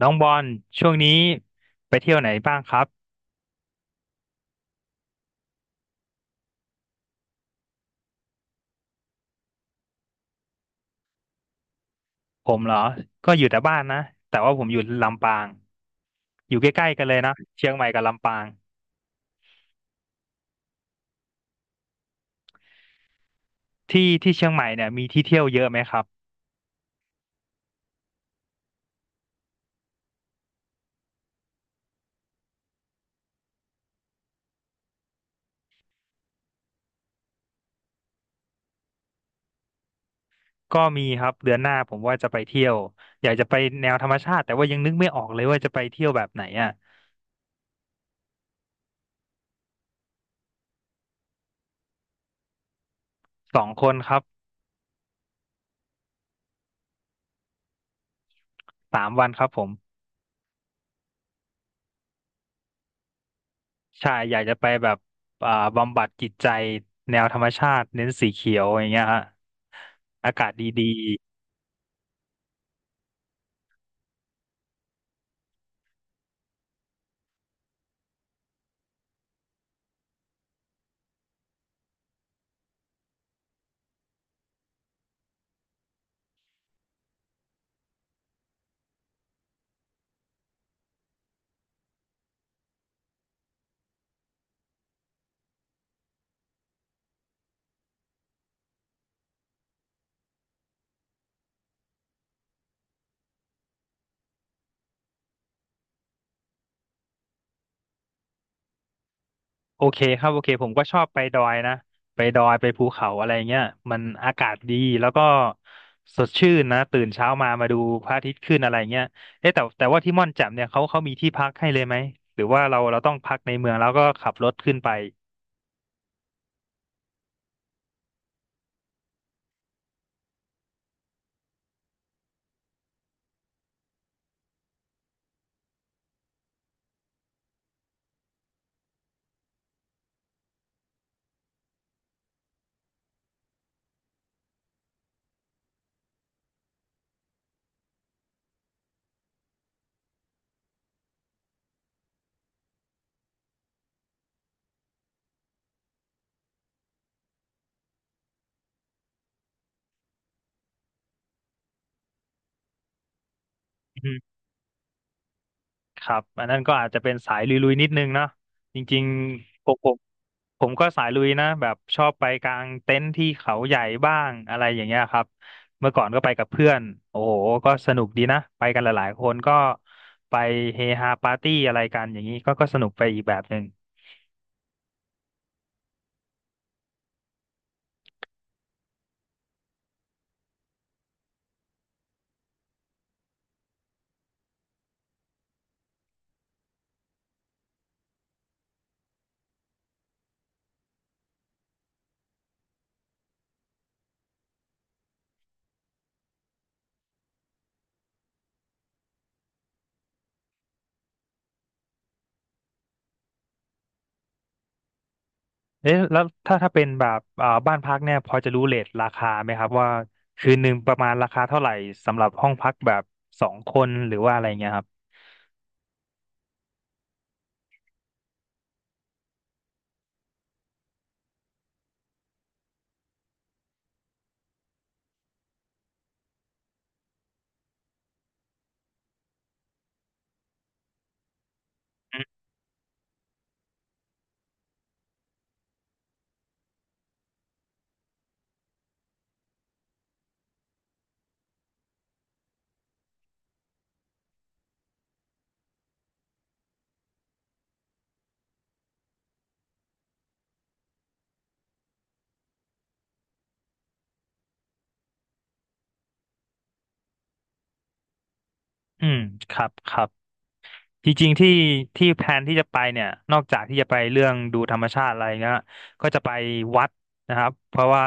น้องบอลช่วงนี้ไปเที่ยวไหนบ้างครับผมเหรอก็อยู่แต่บ้านนะแต่ว่าผมอยู่ลำปางอยู่ใกล้ๆกันเลยนะเชียงใหม่กับลำปางที่เชียงใหม่เนี่ยมีที่เที่ยวเยอะไหมครับก็มีครับเดือนหน้าผมว่าจะไปเที่ยวอยากจะไปแนวธรรมชาติแต่ว่ายังนึกไม่ออกเลยว่าจะไปเที่ยวแบบไหนอ่ะสองคนครับสามวันครับผมใช่อยากจะไปแบบบำบัดจิตใจแนวธรรมชาติเน้นสีเขียวอย่างเงี้ยฮะอากาศดี โอเคครับโอเคผมก็ชอบไปดอยนะไปดอยไปภูเขาอะไรเงี้ยมันอากาศดีแล้วก็สดชื่นนะตื่นเช้ามามาดูพระอาทิตย์ขึ้นอะไรเงี้ยเอ๊ะแต่ว่าที่ม่อนแจ่มเนี่ยเขามีที่พักให้เลยไหมหรือว่าเราต้องพักในเมืองแล้วก็ขับรถขึ้นไปอืมครับอันนั้นก็อาจจะเป็นสายลุยๆนิดนึงเนาะจริงๆผม ผมก็สายลุยนะแบบชอบไปกางเต็นท์ที่เขาใหญ่บ้างอะไรอย่างเงี้ยครับเมื่อก่อนก็ไปกับเพื่อนโอ้โหก็สนุกดีนะไปกันหลายๆคนก็ไปเฮฮาปาร์ตี้อะไรกันอย่างนี้ก็สนุกไปอีกแบบหนึ่งเอ๊ะแล้วถ้าเป็นแบบบ้านพักเนี่ยพอจะรู้เรทราคาไหมครับว่าคืนหนึ่งประมาณราคาเท่าไหร่สำหรับห้องพักแบบสองคนหรือว่าอะไรเงี้ยครับอืมครับ จริงๆที่แพลนที่จะไปเนี่ยนอกจากที่จะไปเรื่องดูธรรมชาติอะไรเงี้ยก็จะไปวัดนะครับเพราะว่า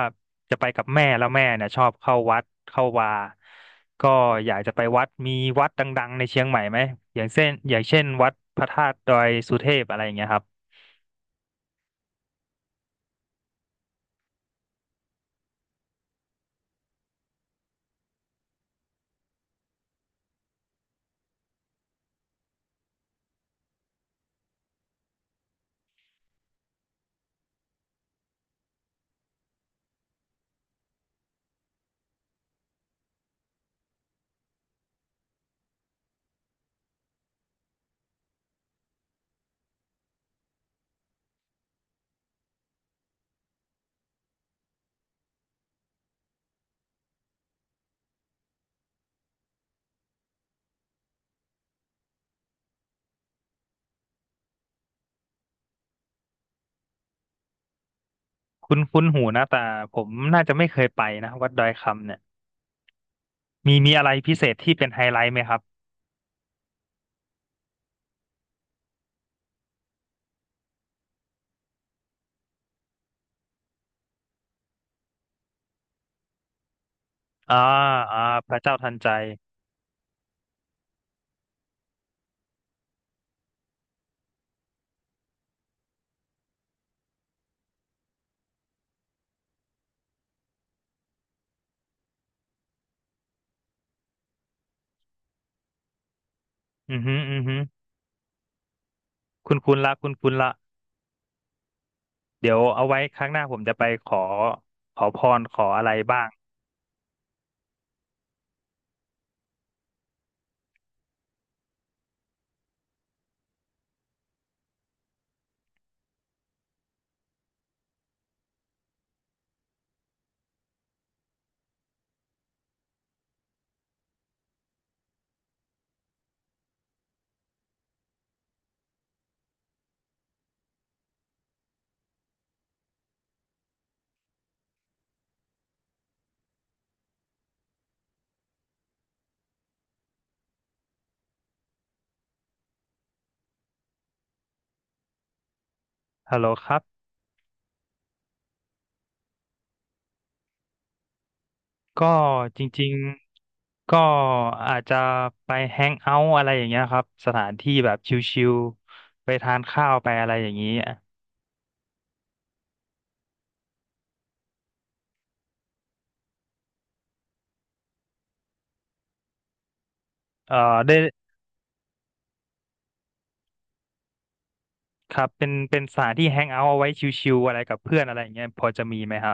จะไปกับแม่แล้วแม่เนี่ยชอบเข้าวัดเข้าวาก็อยากจะไปวัดมีวัดดังๆในเชียงใหม่ไหมอย่างเช่นวัดพระธาตุดอยสุเทพอะไรอย่างเงี้ยครับคุ้นคุ้นหูนะแต่ผมน่าจะไม่เคยไปนะวัดดอยคำเนี่ยมีมีอะไรพิเศษที่เป็นไฮไลท์ไหมครับอ่าอ่าพระเจ้าทันใจอือฮึอือฮึคุ้นคุ้นละคุ้นคุ้นละ เดี๋ยวเอาไว้ครั้งหน้าผมจะไปขอขอพรขออะไรบ้างฮัลโหลครับก็จริงๆก็อาจจะไปแฮงเอาท์อะไรอย่างเงี้ยครับสถานที่แบบชิลๆไปทานข้าวไปอะไรอย่างนี้เอ่อได้ครับเป็นสถานที่แฮงเอาท์เอาไว้ชิลๆอะไรกับเพื่อนอะไรอย่างเงี้ยพอจะมีไหมฮะ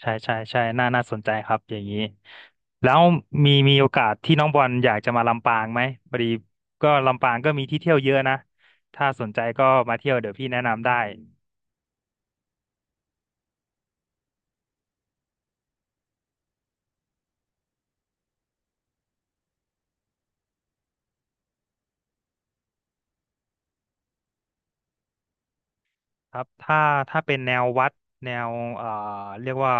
ใช่ใช่ใช่น่าน่าสนใจครับอย่างนี้แล้วมีมีโอกาสที่น้องบอลอยากจะมาลำปางไหมพอดีก็ลำปางก็มีที่เที่ยวเยอะนะถ้าสนใจก็มาเที่ยวเดี๋ยวพี่แนะนำได้ ครับถ้าเป็นแนววัดแนวเอ่อเรียกว่า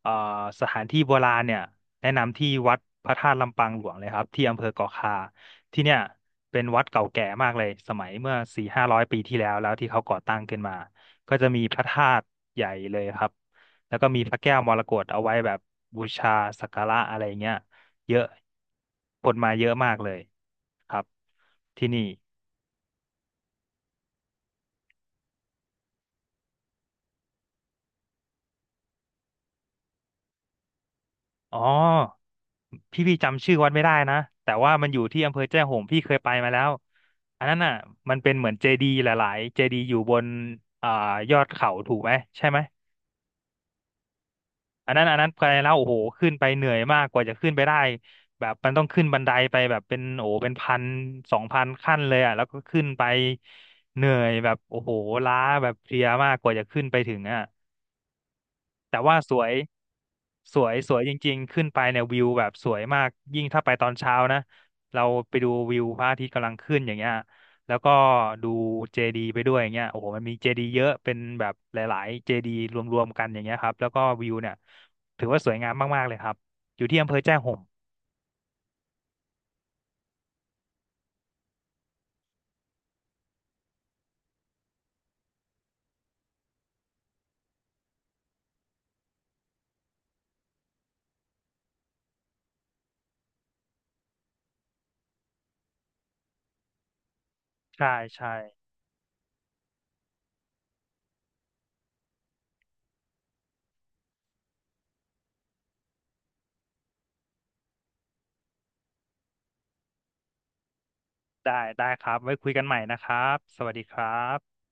เอ่อสถานที่โบราณเนี่ยแนะนำที่วัดพระธาตุลำปางหลวงเลยครับที่อำเภอเกาะคาที่เนี่ยเป็นวัดเก่าแก่มากเลยสมัยเมื่อสี่ห้าร้อยปีที่แล้วแล้วที่เขาก่อตั้งขึ้นมาก็จะมีพระธาตุใหญ่เลยครับแล้วก็มีพระแก้วมรกตเอาไว้แบบบูชาสักการะอะไรเงี้ยเยอะคนมาเยอะมากเลยครับที่นี่ อ๋อพี่จำชื่อวัดไม่ได้นะแต่ว่ามันอยู่ที่อำเภอแจ้ห่มพี่เคยไปมาแล้วอันนั้นน่ะมันเป็นเหมือนเจดีย์หลายๆเจดีย์อยู่บนอ่ายอดเขาถูกไหมใช่ไหมอันนั้นไปแล้วโอ้โหขึ้นไปเหนื่อยมากกว่าจะขึ้นไปได้แบบมันต้องขึ้นบันไดไปแบบเป็นโอ้โหเป็นพันสองพันขั้นเลยอ่ะแล้วก็ขึ้นไปเหนื่อยแบบโอ้โหล้าแบบเพลียมากกว่าจะขึ้นไปถึงอ่ะ แต่ว่าสวยสวยสวยจริงๆขึ้นไปเนี่ยวิวแบบสวยมากยิ่งถ้าไปตอนเช้านะเราไปดูวิวพระอาทิตย์กำลังขึ้นอย่างเงี้ยแล้วก็ดูเจดีไปด้วยอย่างเงี้ยโอ้โหมันมีเจดีเยอะเป็นแบบหลายๆเจดีรวมๆกันอย่างเงี้ยครับแล้วก็วิวเนี่ยถือว่าสวยงามมากๆเลยครับอยู่ที่อำเภอแจ้ห่มใช่ใช่ได้ได้ครับไว้คุยกันใหม่นะครับสวัสดีครับ